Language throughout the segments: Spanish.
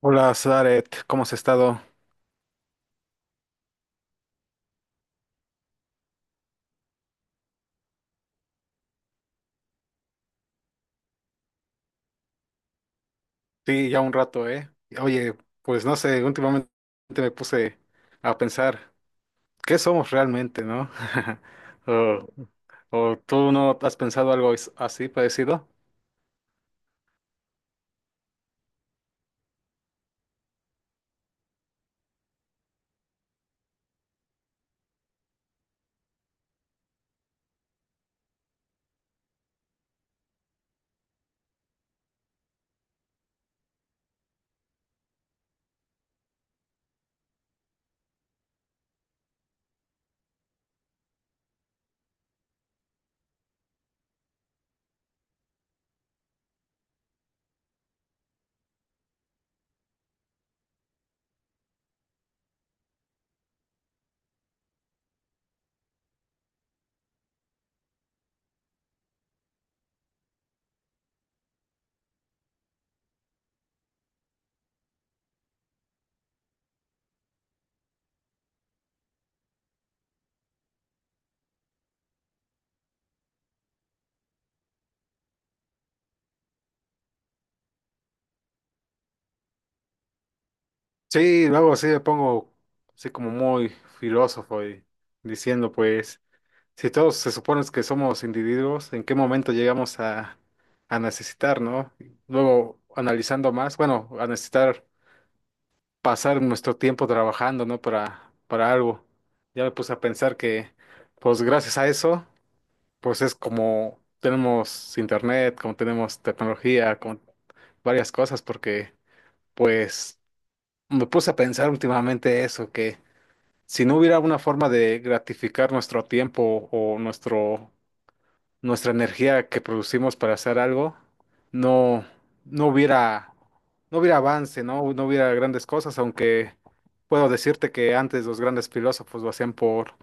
Hola, Zaret, ¿cómo has estado? Sí, ya un rato, ¿eh? Oye, pues no sé, últimamente me puse a pensar, ¿qué somos realmente, no? O, o tú no has pensado algo así parecido? Sí, luego sí me pongo así como muy filósofo y diciendo, pues, si todos se supone que somos individuos, ¿en qué momento llegamos a necesitar, no? Luego analizando más, bueno, a necesitar pasar nuestro tiempo trabajando, ¿no? Para algo. Ya me puse a pensar que, pues gracias a eso, pues es como tenemos internet, como tenemos tecnología, con varias cosas, porque pues me puse a pensar últimamente eso, que si no hubiera una forma de gratificar nuestro tiempo o nuestro nuestra energía que producimos para hacer algo, no, no hubiera, no hubiera avance, ¿no? No hubiera grandes cosas, aunque puedo decirte que antes los grandes filósofos lo hacían por,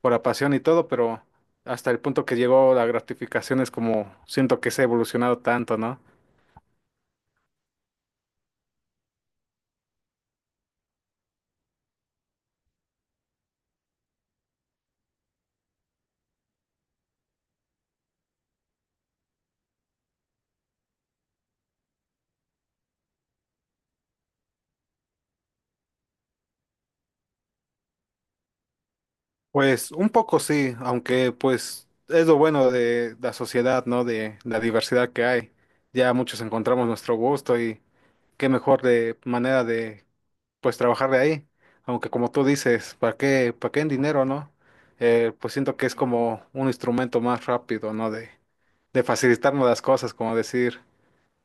por la pasión y todo, pero hasta el punto que llegó la gratificación es como siento que se ha evolucionado tanto, ¿no? Pues un poco sí, aunque pues es lo bueno de la sociedad, ¿no? De la diversidad que hay. Ya muchos encontramos nuestro gusto y qué mejor de manera de pues trabajar de ahí. Aunque como tú dices, para qué en dinero, no? Pues siento que es como un instrumento más rápido, ¿no? De facilitarnos las cosas, como decir,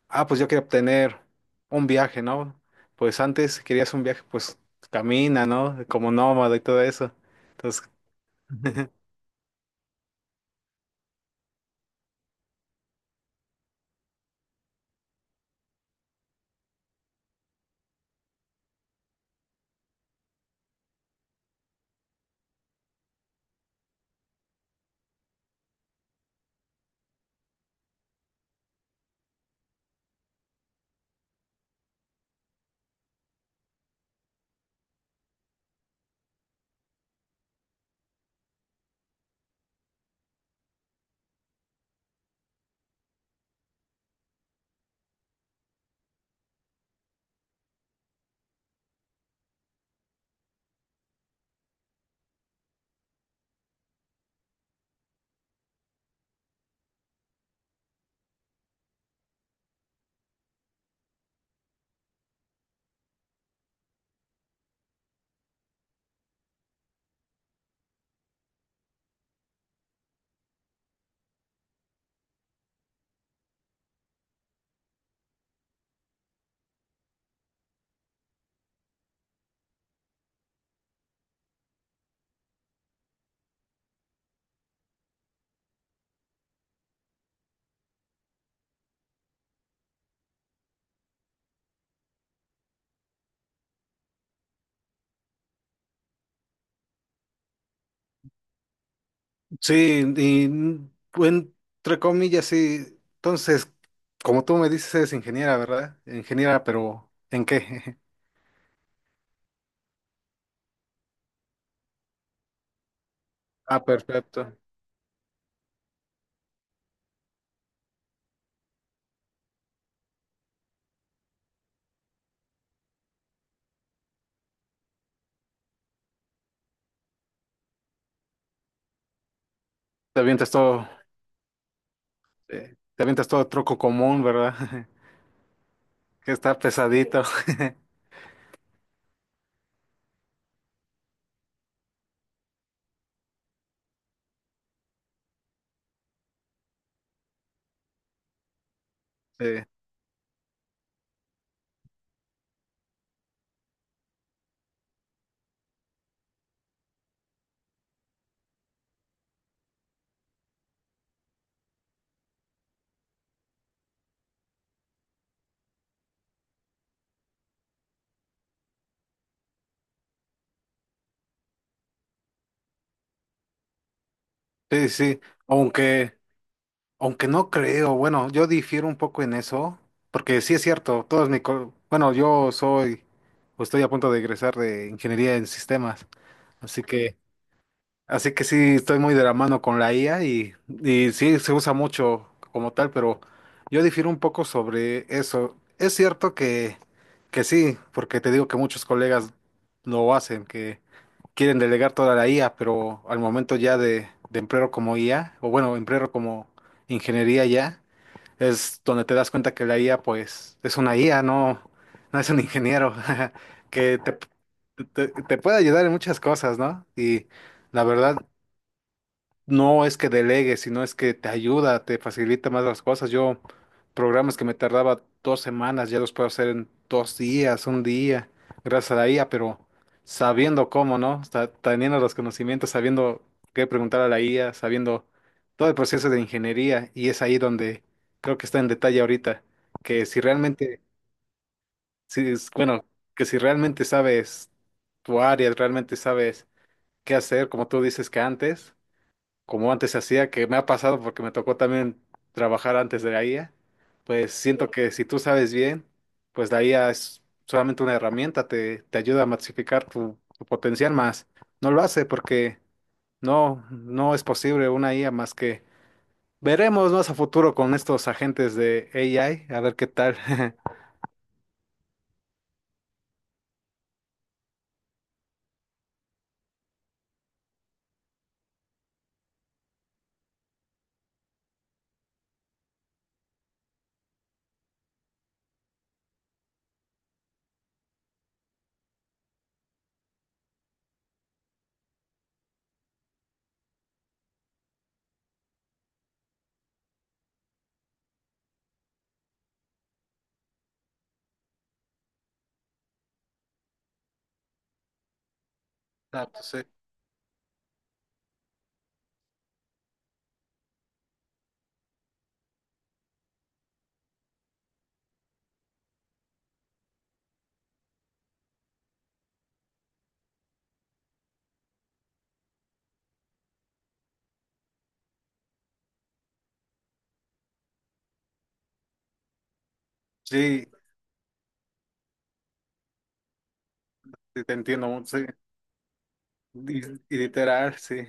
ah, pues yo quiero obtener un viaje, ¿no? Pues antes, si querías un viaje, pues camina, ¿no? Como nómada y todo eso. Entonces, sí, y entre comillas, sí. Entonces, como tú me dices, eres ingeniera, ¿verdad? Ingeniera, pero ¿en qué? Ah, perfecto. Te avientas todo Te avientas todo troco común, ¿verdad? Que está pesadito. Sí, sí, sí. Aunque, aunque no creo, bueno, yo difiero un poco en eso, porque sí es cierto, bueno, yo soy, o estoy a punto de egresar de ingeniería en sistemas, así que, así que sí estoy muy de la mano con la IA y sí se usa mucho como tal, pero yo difiero un poco sobre eso. Es cierto que sí, porque te digo que muchos colegas lo hacen, quieren delegar toda la IA, pero al momento ya de emplearlo como IA, o bueno, emplearlo como ingeniería ya, es donde te das cuenta que la IA pues es una IA, no, no es un ingeniero, que te puede ayudar en muchas cosas, ¿no? Y la verdad, no es que delegue, sino es que te ayuda, te facilita más las cosas. Yo, programas que me tardaba 2 semanas, ya los puedo hacer en 2 días, un día, gracias a la IA, pero sabiendo cómo, ¿no? Teniendo los conocimientos, sabiendo qué preguntar a la IA, sabiendo todo el proceso de ingeniería, y es ahí donde creo que está en detalle ahorita, que si realmente, si, es- bueno, que si realmente sabes tu área, realmente sabes qué hacer, como tú dices que antes como antes se hacía, que me ha pasado porque me tocó también trabajar antes de la IA, pues siento que si tú sabes bien, pues la IA es solamente una herramienta, te ayuda a masificar tu potencial más. No lo hace porque no, no es posible una IA más que veremos más a futuro con estos agentes de AI, a ver qué tal. Ah, pues, sí, sí, sí, te entiendo, sí, li- literal, sí.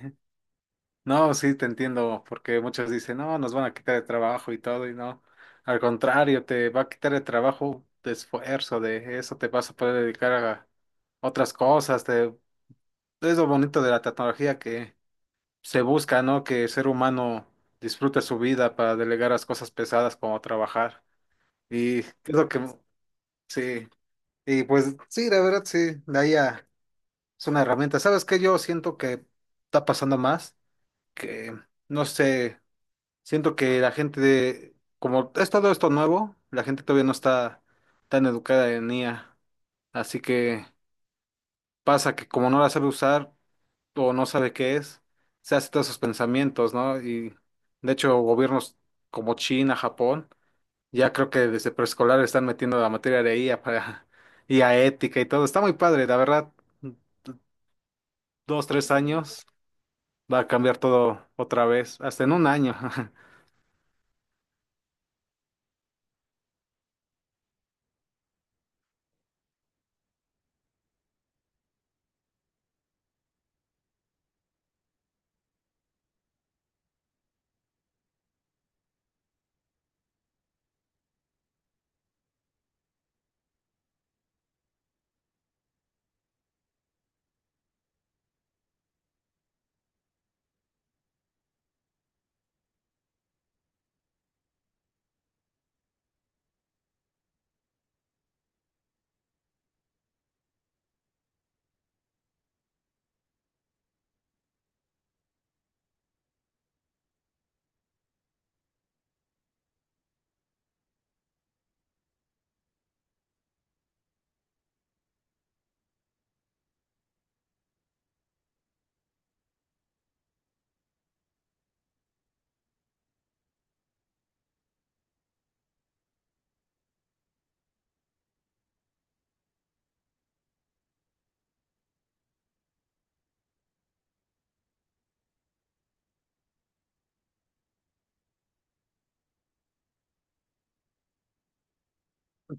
No, sí, te entiendo, porque muchos dicen, no, nos van a quitar el trabajo y todo, y no. Al contrario, te va a quitar el trabajo de esfuerzo, de eso te vas a poder dedicar a otras cosas. Es lo bonito de la tecnología que se busca, ¿no? Que el ser humano disfrute su vida para delegar las cosas pesadas como trabajar. Y es lo que sí. Y pues sí, la verdad, sí, es una herramienta. ¿Sabes qué? Yo siento que está pasando más, que no sé. Siento que la gente como es todo esto nuevo, la gente todavía no está tan educada en IA. Así que pasa que como no la sabe usar o no sabe qué es, se hace todos esos pensamientos, ¿no? Y de hecho gobiernos como China, Japón, ya creo que desde preescolar están metiendo la materia de IA para I a ética y todo. Está muy padre, la verdad, dos, tres años va a cambiar todo otra vez, hasta en un año.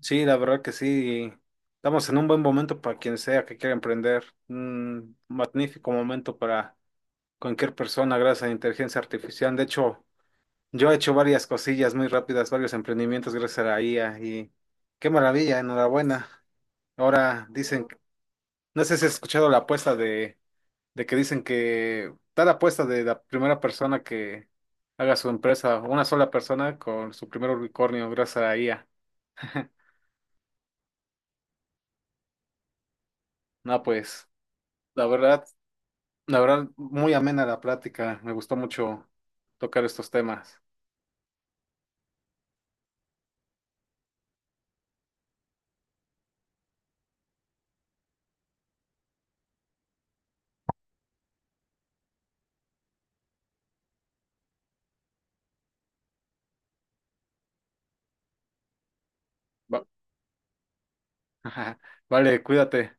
Sí, la verdad que sí. Estamos en un buen momento para quien sea que quiera emprender. Un magnífico momento para cualquier persona gracias a la inteligencia artificial. De hecho, yo he hecho varias cosillas muy rápidas, varios emprendimientos gracias a la IA y qué maravilla, enhorabuena. Ahora dicen, no sé si has escuchado la apuesta de que dicen que tal apuesta de la primera persona que haga su empresa, una sola persona con su primer unicornio gracias a la IA. No, pues. La verdad, La verdad, muy amena la plática. Me gustó mucho tocar estos temas. Va- Vale, cuídate.